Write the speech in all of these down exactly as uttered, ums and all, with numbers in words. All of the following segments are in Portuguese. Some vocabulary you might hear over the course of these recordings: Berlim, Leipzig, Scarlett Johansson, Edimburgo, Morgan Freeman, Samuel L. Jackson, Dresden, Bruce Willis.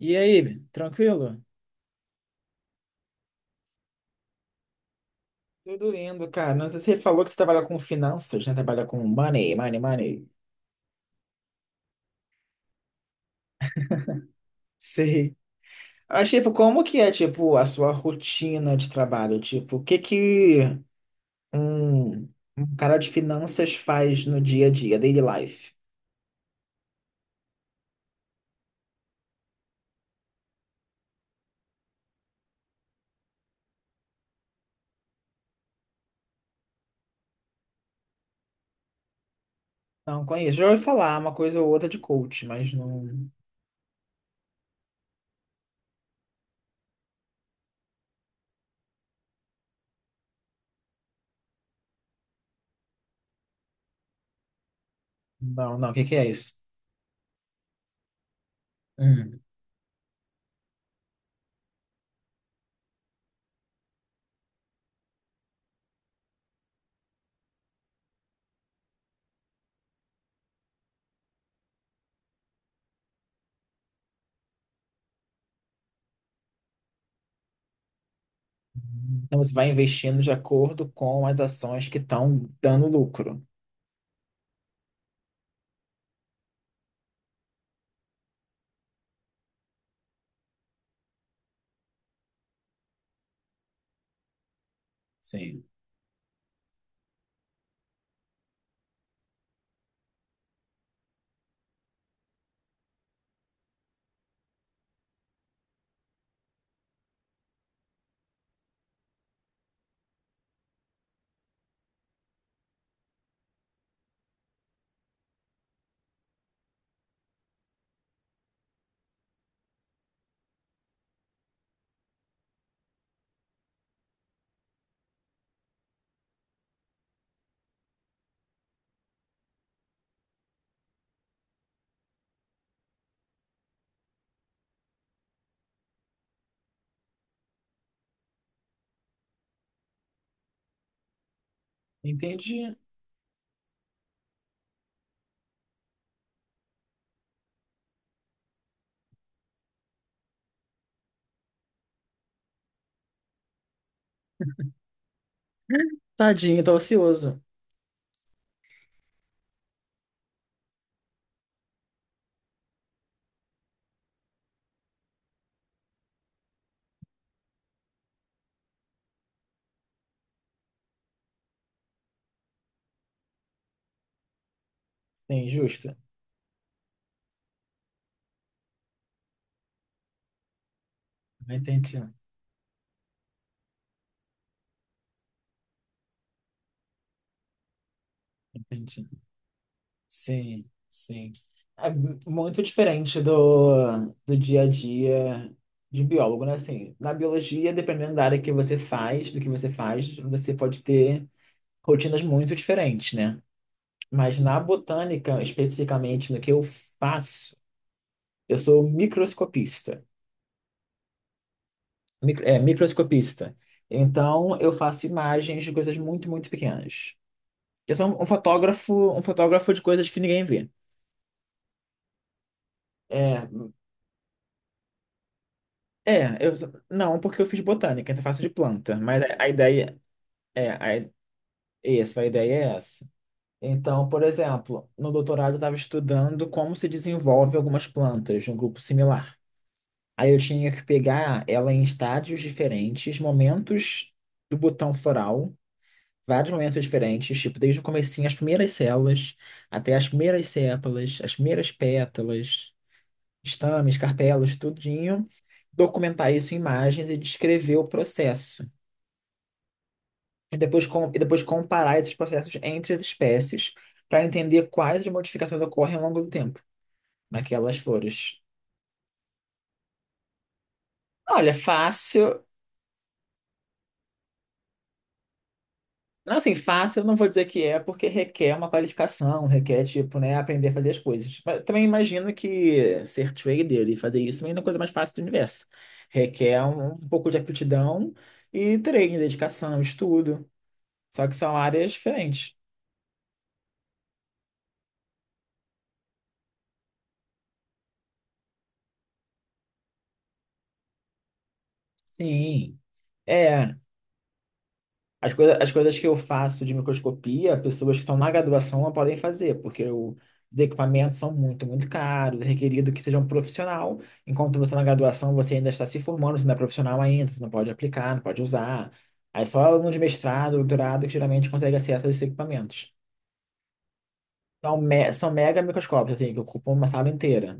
E aí, tranquilo? Tudo lindo, cara. Não sei se você falou que você trabalha com finanças, né? Trabalha com money, money, money. Sei. Mas, tipo, como que é, tipo, a sua rotina de trabalho? Tipo, o que que um, um cara de finanças faz no dia a dia, daily life? Não conheço. Já ouvi falar uma coisa ou outra de coach, mas não... Não, não. O que que é isso? Hum. Então, você vai investindo de acordo com as ações que estão dando lucro. Sim. Entendi. Tadinho, tá ocioso. Sim, justo. Entendi, entendi. Sim, sim. É muito diferente do, do dia a dia de biólogo, né? Assim, na biologia, dependendo da área que você faz, do que você faz, você pode ter rotinas muito diferentes, né? Mas na botânica, especificamente no que eu faço, eu sou microscopista. Micro, é, microscopista. Então, eu faço imagens de coisas muito, muito pequenas. Eu sou um um fotógrafo, um fotógrafo de coisas que ninguém vê. É, é, eu não, porque eu fiz botânica, então faço de planta, mas a, a ideia é, a, essa, a ideia é essa. Então, por exemplo, no doutorado eu estava estudando como se desenvolve algumas plantas de um grupo similar. Aí eu tinha que pegar ela em estádios diferentes, momentos do botão floral, vários momentos diferentes, tipo, desde o comecinho, as primeiras células, até as primeiras sépalas, as primeiras pétalas. Estames, carpelas, tudinho, documentar isso em imagens e descrever o processo. E depois, com, e depois comparar esses processos entre as espécies para entender quais as modificações ocorrem ao longo do tempo naquelas flores. Olha, fácil. Não, assim, fácil eu não vou dizer que é, porque requer uma qualificação, requer, tipo, né, aprender a fazer as coisas. Mas também imagino que ser trader e fazer isso também não é a coisa mais fácil do universo. Requer um, um pouco de aptidão e treino, dedicação, estudo. Só que são áreas diferentes. Sim. É, as coisa, as coisas que eu faço de microscopia, pessoas que estão na graduação não podem fazer, porque o- os equipamentos são muito, muito caros, é requerido que seja um profissional, enquanto você tá na graduação, você ainda está se formando, você não é profissional ainda, você não pode aplicar, não pode usar. Aí só aluno de mestrado, doutorado, que geralmente consegue acesso a esses equipamentos. São, me- são mega microscópios, assim, que ocupam uma sala inteira.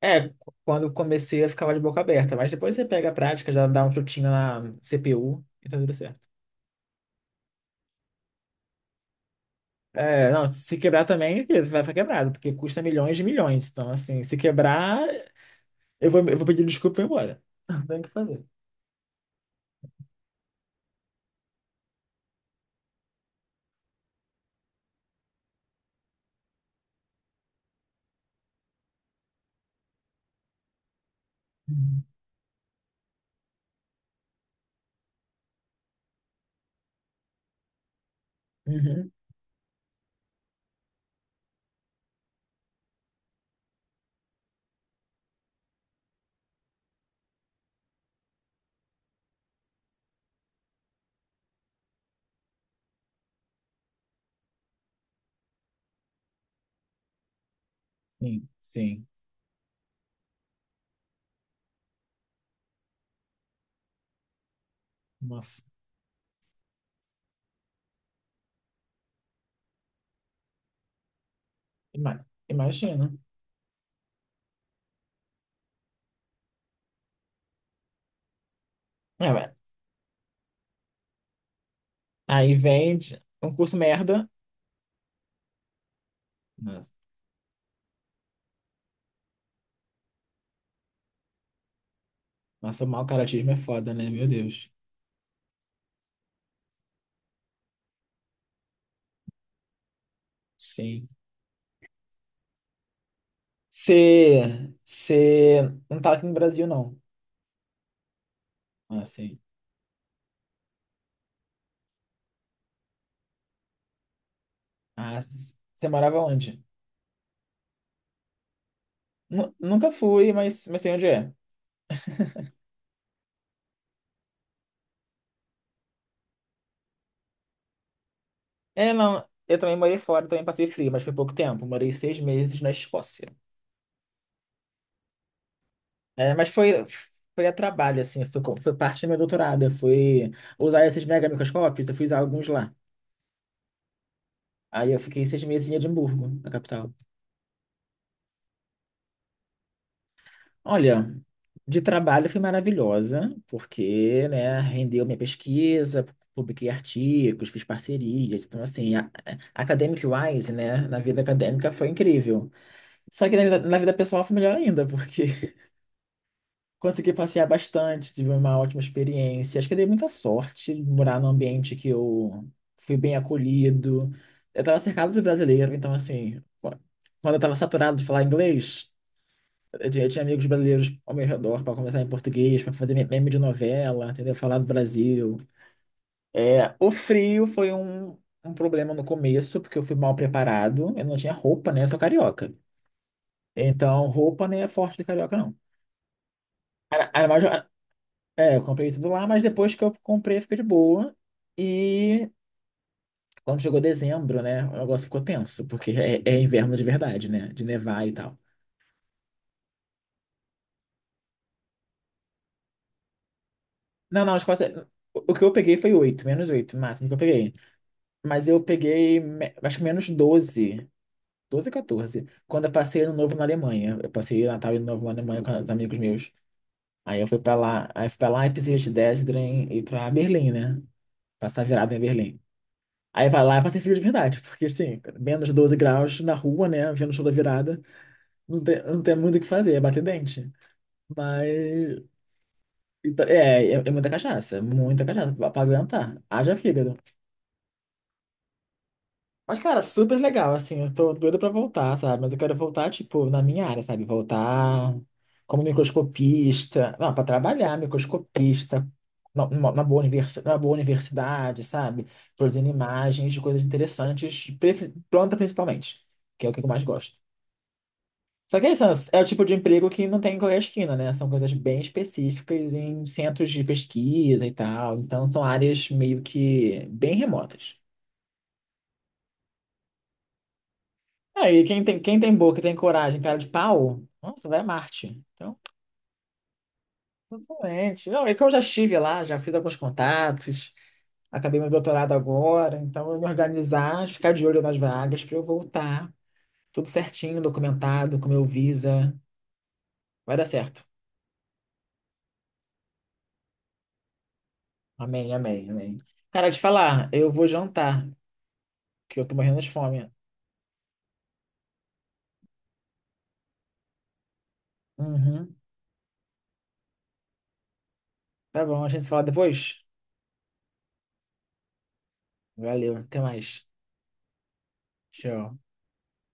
É, qu- quando comecei eu ficava de boca aberta, mas depois você pega a prática, já dá um chutinho na C P U e tá tudo certo. É, não, se quebrar também vai ficar quebrado, porque custa milhões de milhões. Então, assim, se quebrar, eu vou, eu vou pedir desculpa e vou embora. Não tem o que fazer. Uhum. Uhum. Sim, sim. Nossa, ima- imagina. É, vai. Aí vende um curso merda. Nossa, nossa, o mau caratismo é foda, né? Meu Deus. Sim. Você não tá aqui no Brasil, não. Ah, sim. Ah, você morava onde? Nu- nunca fui, mas, mas sei onde é. É, não. Eu também morei fora, também passei frio, mas foi pouco tempo. Morei seis meses na Escócia. É, mas foi, foi a trabalho, assim. Foi, co- foi parte do meu doutorado. Eu fui usar esses mega microscópios, eu fui usar alguns lá. Aí eu fiquei seis meses em Edimburgo, na capital. Olha, de trabalho foi maravilhosa, porque, né, rendeu minha pesquisa, publiquei artigos, fiz parcerias. Então, assim, a, a- academic-wise, né, na vida acadêmica foi incrível. Só que na vida, na vida pessoal foi melhor ainda, porque consegui passear bastante, tive uma ótima experiência. Acho que eu dei muita sorte de morar num ambiente que eu fui bem acolhido. Eu estava cercado de brasileiro, então, assim, qu- quando eu estava saturado de falar inglês. Eu tinha eu tinha amigos brasileiros ao meu redor para conversar em português, para fazer me- meme de novela, entendeu? Falar do Brasil. É, o frio foi um, um problema no começo, porque eu fui mal preparado. Eu não tinha roupa, né? Eu sou carioca. Então, roupa não é forte de carioca, não. Era- era mais- é, eu comprei tudo lá, mas depois que eu comprei, fica de boa. E quando chegou dezembro, né? O negócio ficou tenso, porque é, é inverno de verdade, né? De nevar e tal. Não, não, a Escócia. O o que eu peguei foi oito menos oito o máximo que eu peguei. Mas eu peguei, me- acho que menos doze, doze, catorze quando eu passei Ano Novo na Alemanha. Eu passei Natal e Ano Novo na Alemanha com os amigos meus. Aí eu fui pra lá, aí fui pra Leipzig, Dresden e pra Berlim, né? Passar virada em Berlim. Aí pra lá eu passei frio de verdade, porque assim, menos doze graus na rua, né? Vendo o show da virada, não tem, não tem muito o que fazer, é bater dente. Mas, é, é, é muita cachaça, muita cachaça, pra pra aguentar. Haja fígado. Mas, cara, super legal, assim, eu tô doida pra voltar, sabe? Mas eu quero voltar, tipo, na minha área, sabe? Voltar como microscopista, não, pra trabalhar, microscopista, na, numa- na boa universi na boa universidade, sabe? Produzindo imagens de coisas interessantes, pre- planta principalmente, que é o que eu mais gosto. Só que é isso, né? É o tipo de emprego que não tem em qualquer esquina, né? São coisas bem específicas em centros de pesquisa e tal, então são áreas meio que bem remotas. É, e quem tem, quem tem boca e tem coragem, cara de pau, nossa, vai a Marte. Então, totalmente. Não, é que eu já estive lá, já fiz alguns contatos, acabei meu doutorado agora, então eu vou me organizar, ficar de olho nas vagas para eu voltar. Tudo certinho, documentado, com meu visa. Vai dar certo. Amém, amém, amém. Cara, te falar, eu vou jantar, que eu tô morrendo de fome. Uhum. Tá bom, a gente se fala depois? Valeu, até mais. Tchau.